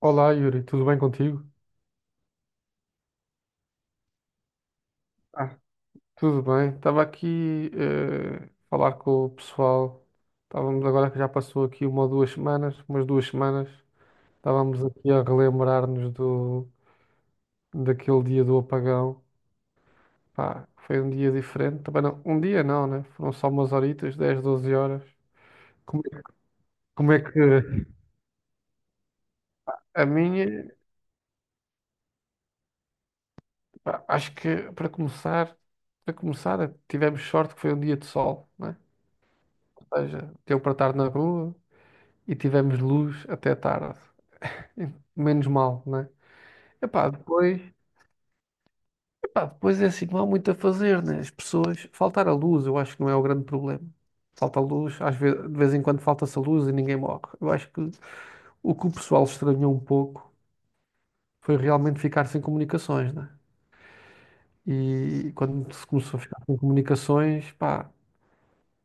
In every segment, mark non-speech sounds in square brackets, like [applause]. Olá, Yuri, tudo bem contigo? Ah, Tudo bem. Estava aqui a falar com o pessoal. Estávamos agora que já passou aqui uma ou duas semanas, umas duas semanas. Estávamos aqui a relembrar-nos do daquele dia do apagão. Pá, foi um dia diferente. Também não, um dia não, né? Foram só umas horitas, 10, 12 horas. Como é, que- como é que a minha, pá, acho que para começar, tivemos sorte que foi um dia de sol, né? Ou seja, deu para estar na rua e tivemos luz até tarde. E menos mal, né? Epá, depois é assim, não há muito a fazer, né? As pessoas, faltar a luz, eu acho que não é o grande problema. Falta a luz, às vezes, de vez em quando falta-se a luz e ninguém morre. Eu acho que o pessoal estranhou um pouco foi realmente ficar sem comunicações, né? E quando se começou a ficar sem comunicações, pá,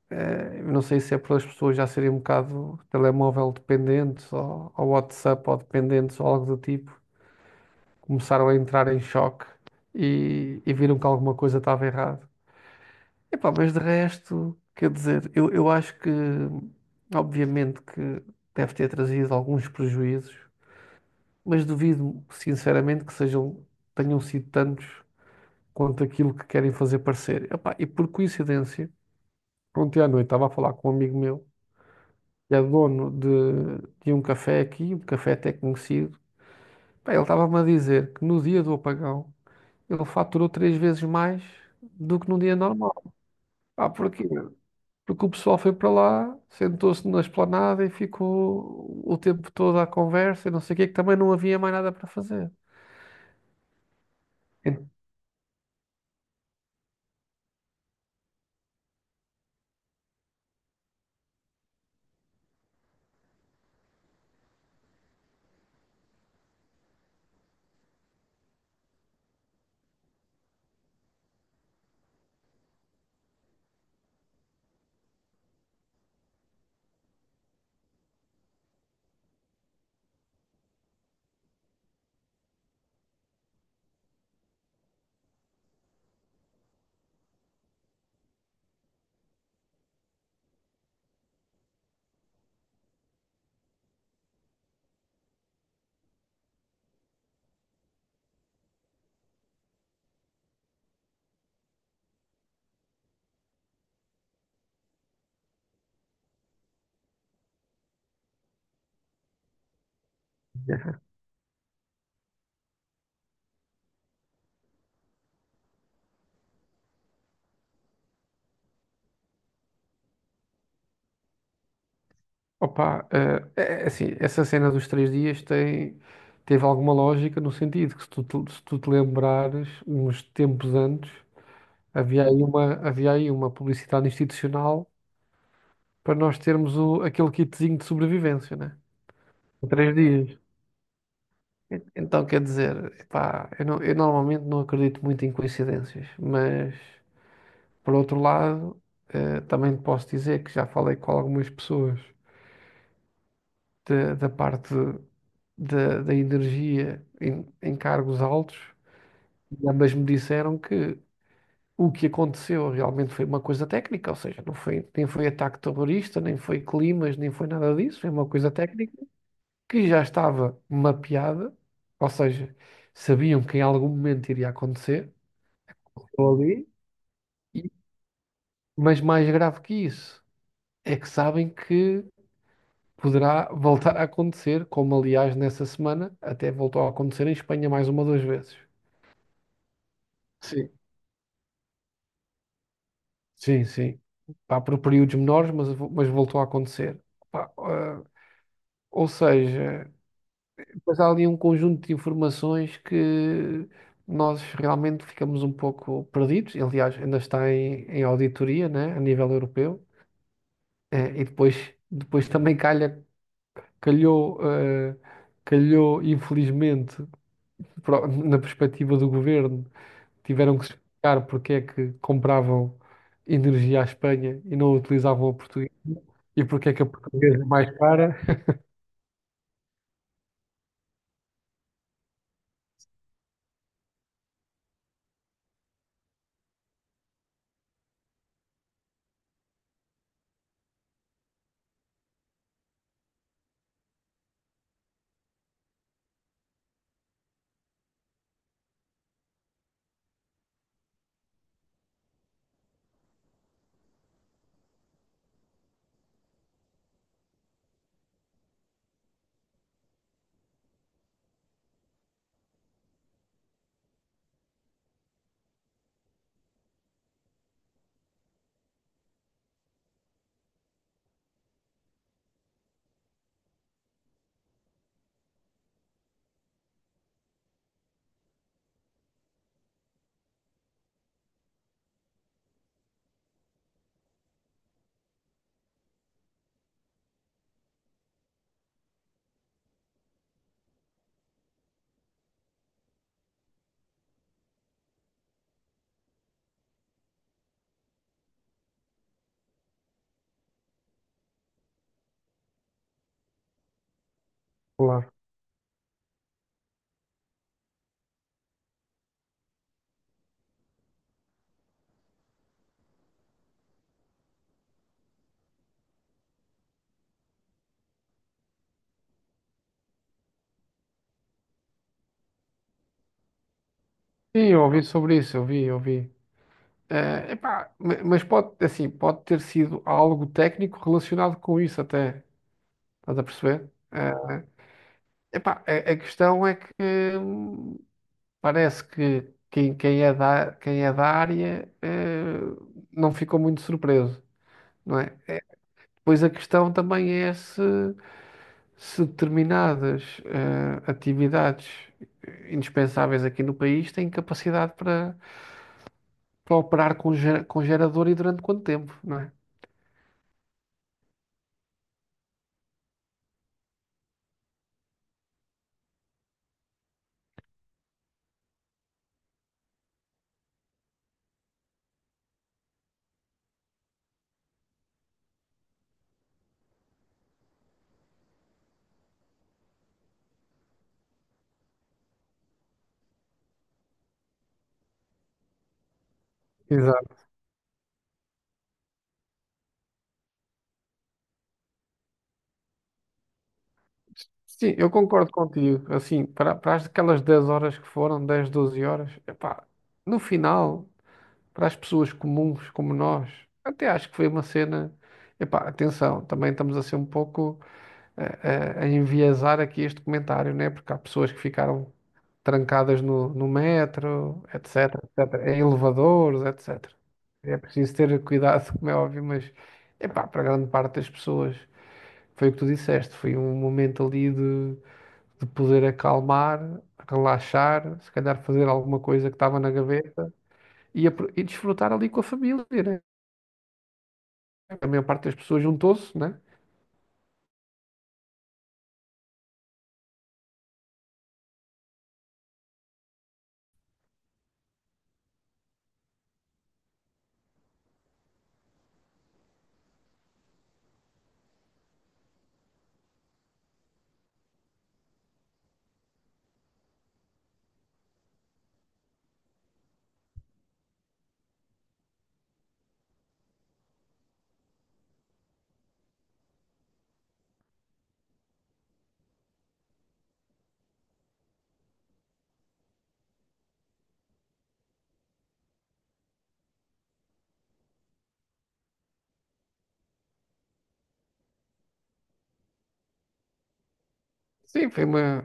eu não sei se é por as pessoas já serem um bocado telemóvel dependentes ou WhatsApp ou dependentes ou algo do tipo. Começaram a entrar em choque e viram que alguma coisa estava errada. Epá, mas de resto, quer dizer, eu acho que, obviamente, que deve ter trazido alguns prejuízos, mas duvido, sinceramente, que sejam, tenham sido tantos quanto aquilo que querem fazer parecer. Epá, e por coincidência, ontem à noite estava a falar com um amigo meu, que é dono de um café aqui, um café até conhecido. Pá, ele estava-me a dizer que no dia do apagão ele faturou três vezes mais do que num dia normal. Ah, porquê? Porque o pessoal foi para lá, sentou-se na esplanada e ficou o tempo todo à conversa e não sei o quê, que também não havia mais nada para fazer. Ent- Opa, é assim, essa cena dos três dias tem, teve alguma lógica no sentido que se tu te lembrares, uns tempos antes, havia aí uma publicidade institucional para nós termos o, aquele kitzinho de sobrevivência, né? Em três dias. Então quer dizer, epá, eu, não- eu normalmente não acredito muito em coincidências, mas por outro lado, também te posso dizer que já falei com algumas pessoas da parte da energia em, em cargos altos e ambas me disseram que o que aconteceu realmente foi uma coisa técnica, ou seja, não foi, nem foi ataque terrorista, nem foi climas, nem foi nada disso, foi uma coisa técnica que já estava mapeada, ou seja, sabiam que em algum momento iria acontecer ali, e- mas mais grave que isso é que sabem que poderá voltar a acontecer, como aliás nessa semana até voltou a acontecer em Espanha mais uma ou duas vezes. Sim. Sim, sim. Pá, por períodos menores, mas voltou a acontecer. Pá, ou seja, depois há ali um conjunto de informações que nós realmente ficamos um pouco perdidos. E, aliás, ainda está em, em auditoria, né, a nível europeu. E depois também calhou, eh, calhou infelizmente, na perspectiva do governo, tiveram que explicar porque é que compravam energia à Espanha e não utilizavam a portuguesa e porque é que a portuguesa é mais cara. [laughs] Claro. Sim, eu ouvi sobre isso, eu vi. Mas pode, assim, pode ter sido algo técnico relacionado com isso até, estás a perceber? Epá, a questão é que hum, parece que quem é quem é da área não ficou muito surpreso, não é? Pois a questão também é se determinadas atividades indispensáveis aqui no país têm capacidade para, para operar com gerador e durante quanto tempo, não é? Exato. Sim, eu concordo contigo. Assim, para aquelas 10 horas que foram, 10, 12 horas, epá, no final, para as pessoas comuns como nós. Até acho que foi uma cena. Epá, atenção, também estamos a ser um pouco eh, enviesar aqui este comentário, né? Porque há pessoas que ficaram trancadas no metro, etc, etc, em elevadores, etc. É preciso ter cuidado, como é óbvio, mas epá, para grande parte das pessoas foi o que tu disseste, foi um momento ali de poder acalmar, relaxar, se calhar fazer alguma coisa que estava na gaveta e, e desfrutar ali com a família, né? A maior parte das pessoas juntou-se, né? Sim,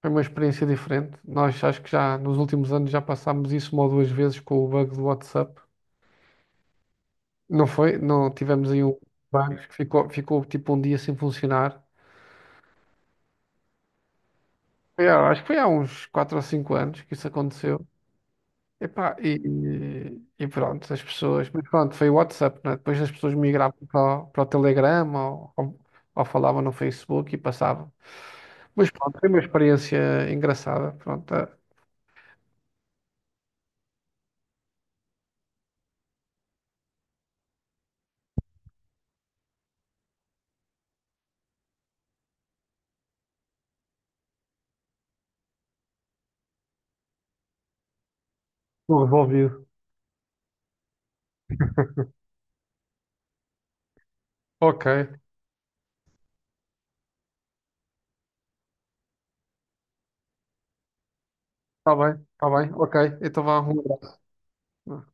foi uma experiência diferente. Nós acho que já nos últimos anos já passámos isso uma ou duas vezes com o bug do WhatsApp. Não foi? Não tivemos aí um bug que ficou, ficou tipo um dia sem funcionar. Acho que foi há uns 4 ou 5 anos que isso aconteceu. Epá, e pronto, as pessoas. Mas pronto, foi o WhatsApp, né? Depois as pessoas migravam para o Telegram ou falavam no Facebook e passavam. Mas pronto, foi uma experiência engraçada. Pronto, tá tudo resolvido. Ok, está bem, ok. Então vá, um abraço.